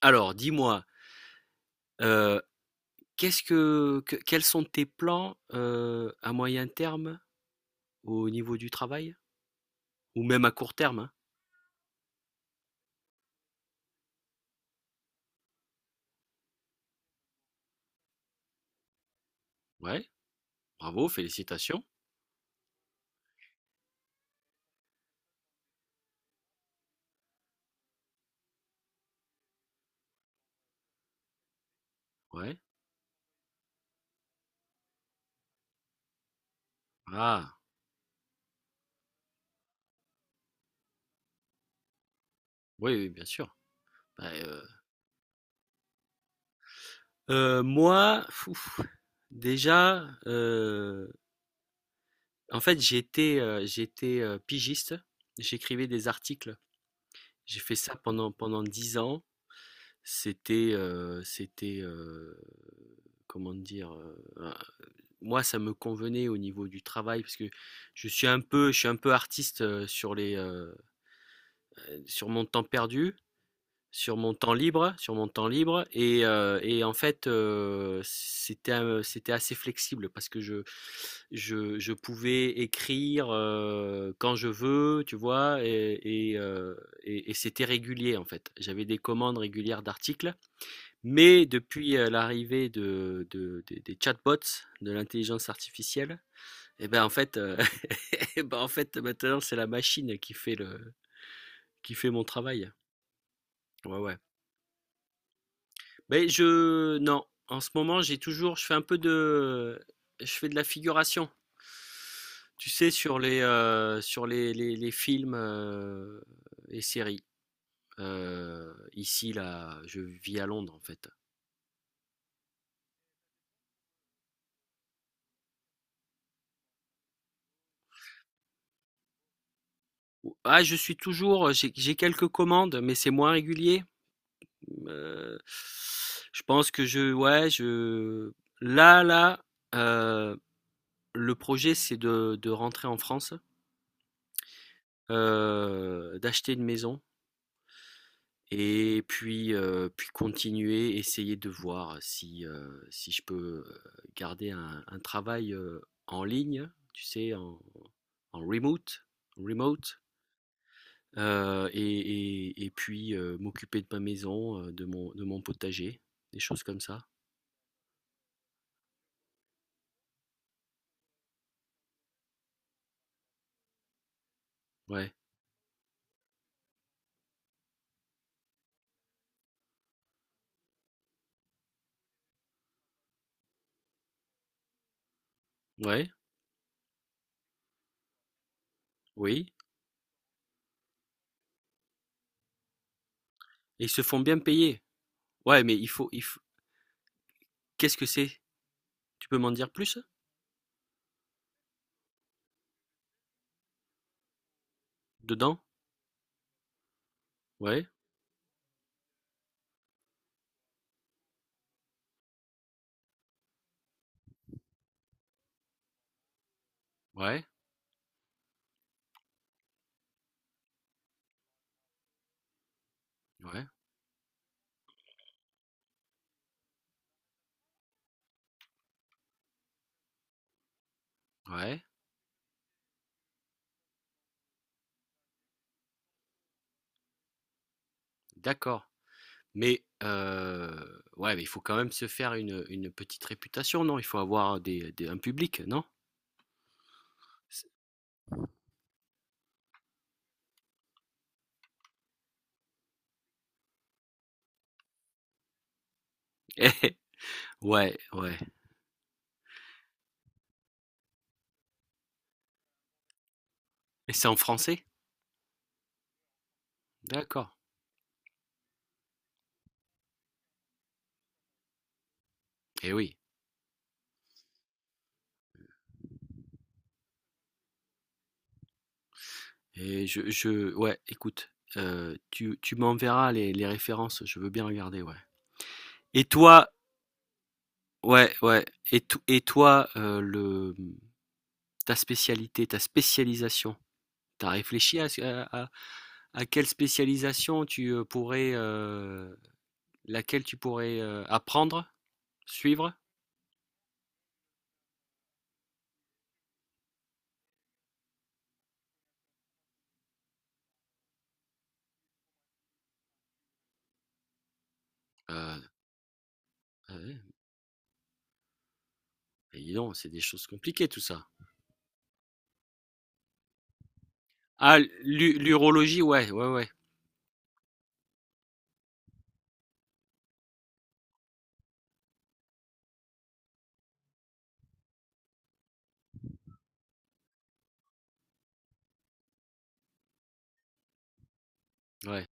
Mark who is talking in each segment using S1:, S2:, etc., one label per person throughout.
S1: Alors, dis-moi, heu, qu'est-ce que quels sont tes plans, à moyen terme au niveau du travail? Ou même à court terme, hein? Ouais, bravo, félicitations. Ouais. Ah, oui, oui, bien sûr. Bah, moi, fouf, déjà, en fait, j'étais, pigiste. J'écrivais des articles. J'ai fait ça pendant 10 ans. C'était, comment dire? Moi, ça me convenait au niveau du travail parce que je suis un peu artiste sur mon temps perdu, sur mon temps libre et en fait, c'était assez flexible parce que je pouvais écrire quand je veux, tu vois, et, euh, et c'était régulier en fait. J'avais des commandes régulières d'articles, mais depuis l'arrivée des chatbots, de l'intelligence artificielle et ben en fait, heu, et ben en fait, maintenant, c'est la machine qui fait mon travail. Ouais, ouais. Beh, je non, en ce moment, j'ai toujours je fais de la figuration. Tu sais, sur les films, et séries. Ici, là, je vis à Londres, en fait. Ah, j'ai quelques commandes, mais c'est moins régulier. Heu, je pense que je ouais, là là, heu, le projet, c'est de rentrer en France, d'acheter une maison et puis, continuer, essayer de voir si, si je peux, garder un travail, en ligne, tu sais, en remote, heu et et puis, m'occuper de ma maison, de mon potager, des choses comme ça. Ouais. Ouais, oui. Et ils se font bien payer. Ouais, mais il faut... Qu'est-ce que c'est? Tu peux m'en dire plus? Dedans? Ouais, ouais, ouais, ouais. D'accord. Mais ouais, mais il faut quand même se faire une petite réputation, non? Il faut avoir un public, non? C'est- Ouais, ouais. Et c'est en français? D'accord. Eh oui. Et ouais, écoute, tu m'enverras les références, je veux bien regarder, ouais. Et toi, ouais, ouais. Et toi, ta spécialisation. T'as réfléchi quelle spécialisation tu pourrais, laquelle tu pourrais apprendre, suivre? Euh, ouais, mais dis donc, c'est des choses compliquées tout ça. Ah, l'urologie, ouais, ouais, ouais, ouais.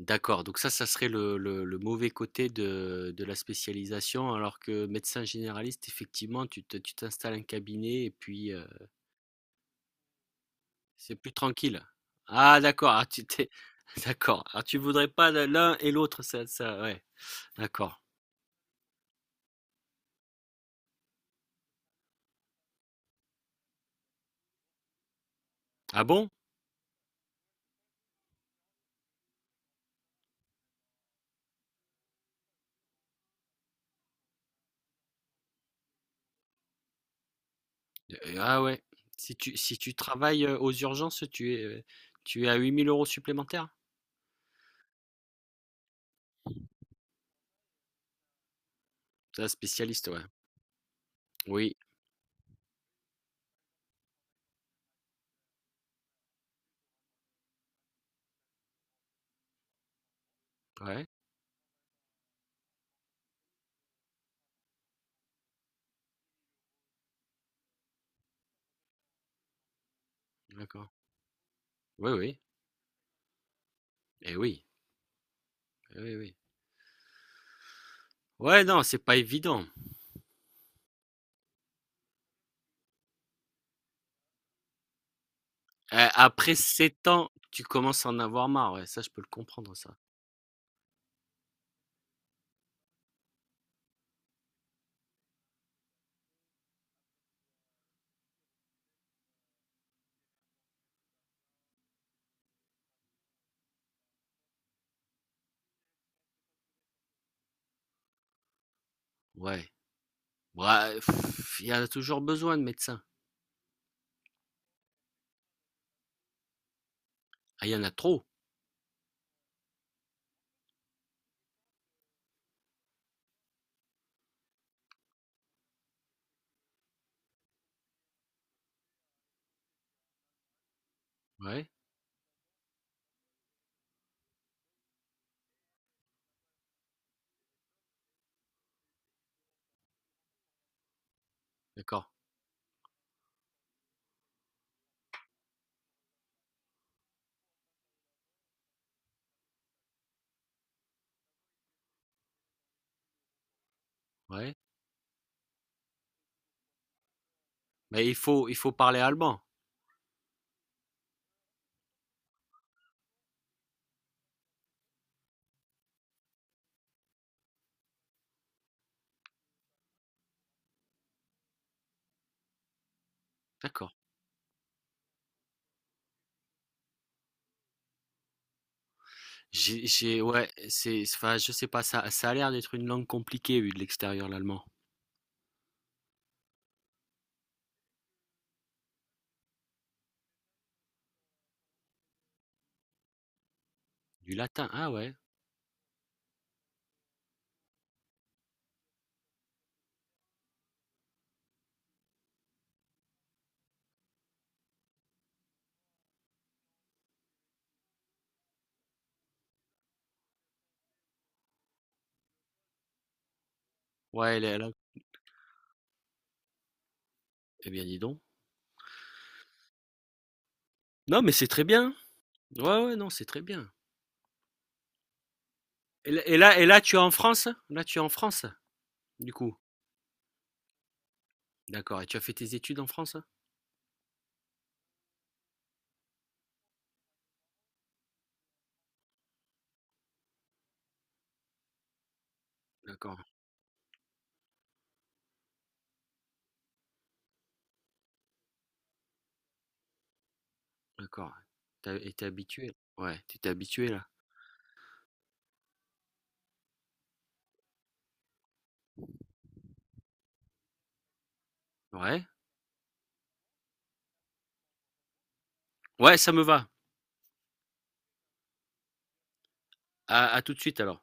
S1: D'accord. Donc ça serait le mauvais côté de la spécialisation, alors que médecin généraliste, effectivement, tu t'installes un cabinet et puis. C'est plus tranquille. Ah, d'accord. Ah, tu t'es. D'accord. Ah, tu voudrais pas l'un et l'autre, ça, ouais. D'accord. Ah bon? Ah, ouais. Si tu travailles aux urgences, tu es à 8 000 € supplémentaires? C'est un spécialiste, ouais. Oui. Ouais. D'accord. Oui, oui. Eh oui. Eh oui, oui. Ouais, non, c'est pas évident. Après 7 ans, tu commences à en avoir marre. Ouais, ça, je peux le comprendre, ça. Ouais. Ouais, pff, il y en a toujours besoin de médecins. Ah, il y en a trop. Ouais. D'accord. Ouais, mais il faut parler allemand. D'accord. J'ai ouais, c'est enfin, je sais pas, ça ça a l'air d'être une langue compliquée vu de l'extérieur, l'allemand. Du latin. Ah, ouais. Ouais, elle est là. Eh bien dis donc. Non, mais c'est très bien. Ouais, ouais, non, c'est très bien. Et, là et là et là, tu es en France? Là tu es en France du coup. D'accord. Et tu as fait tes études en France? D'accord. D'accord. Et t'es habitué. Ouais, tu t'es habitué là. Ouais. Ouais, ça me va. À tout de suite alors.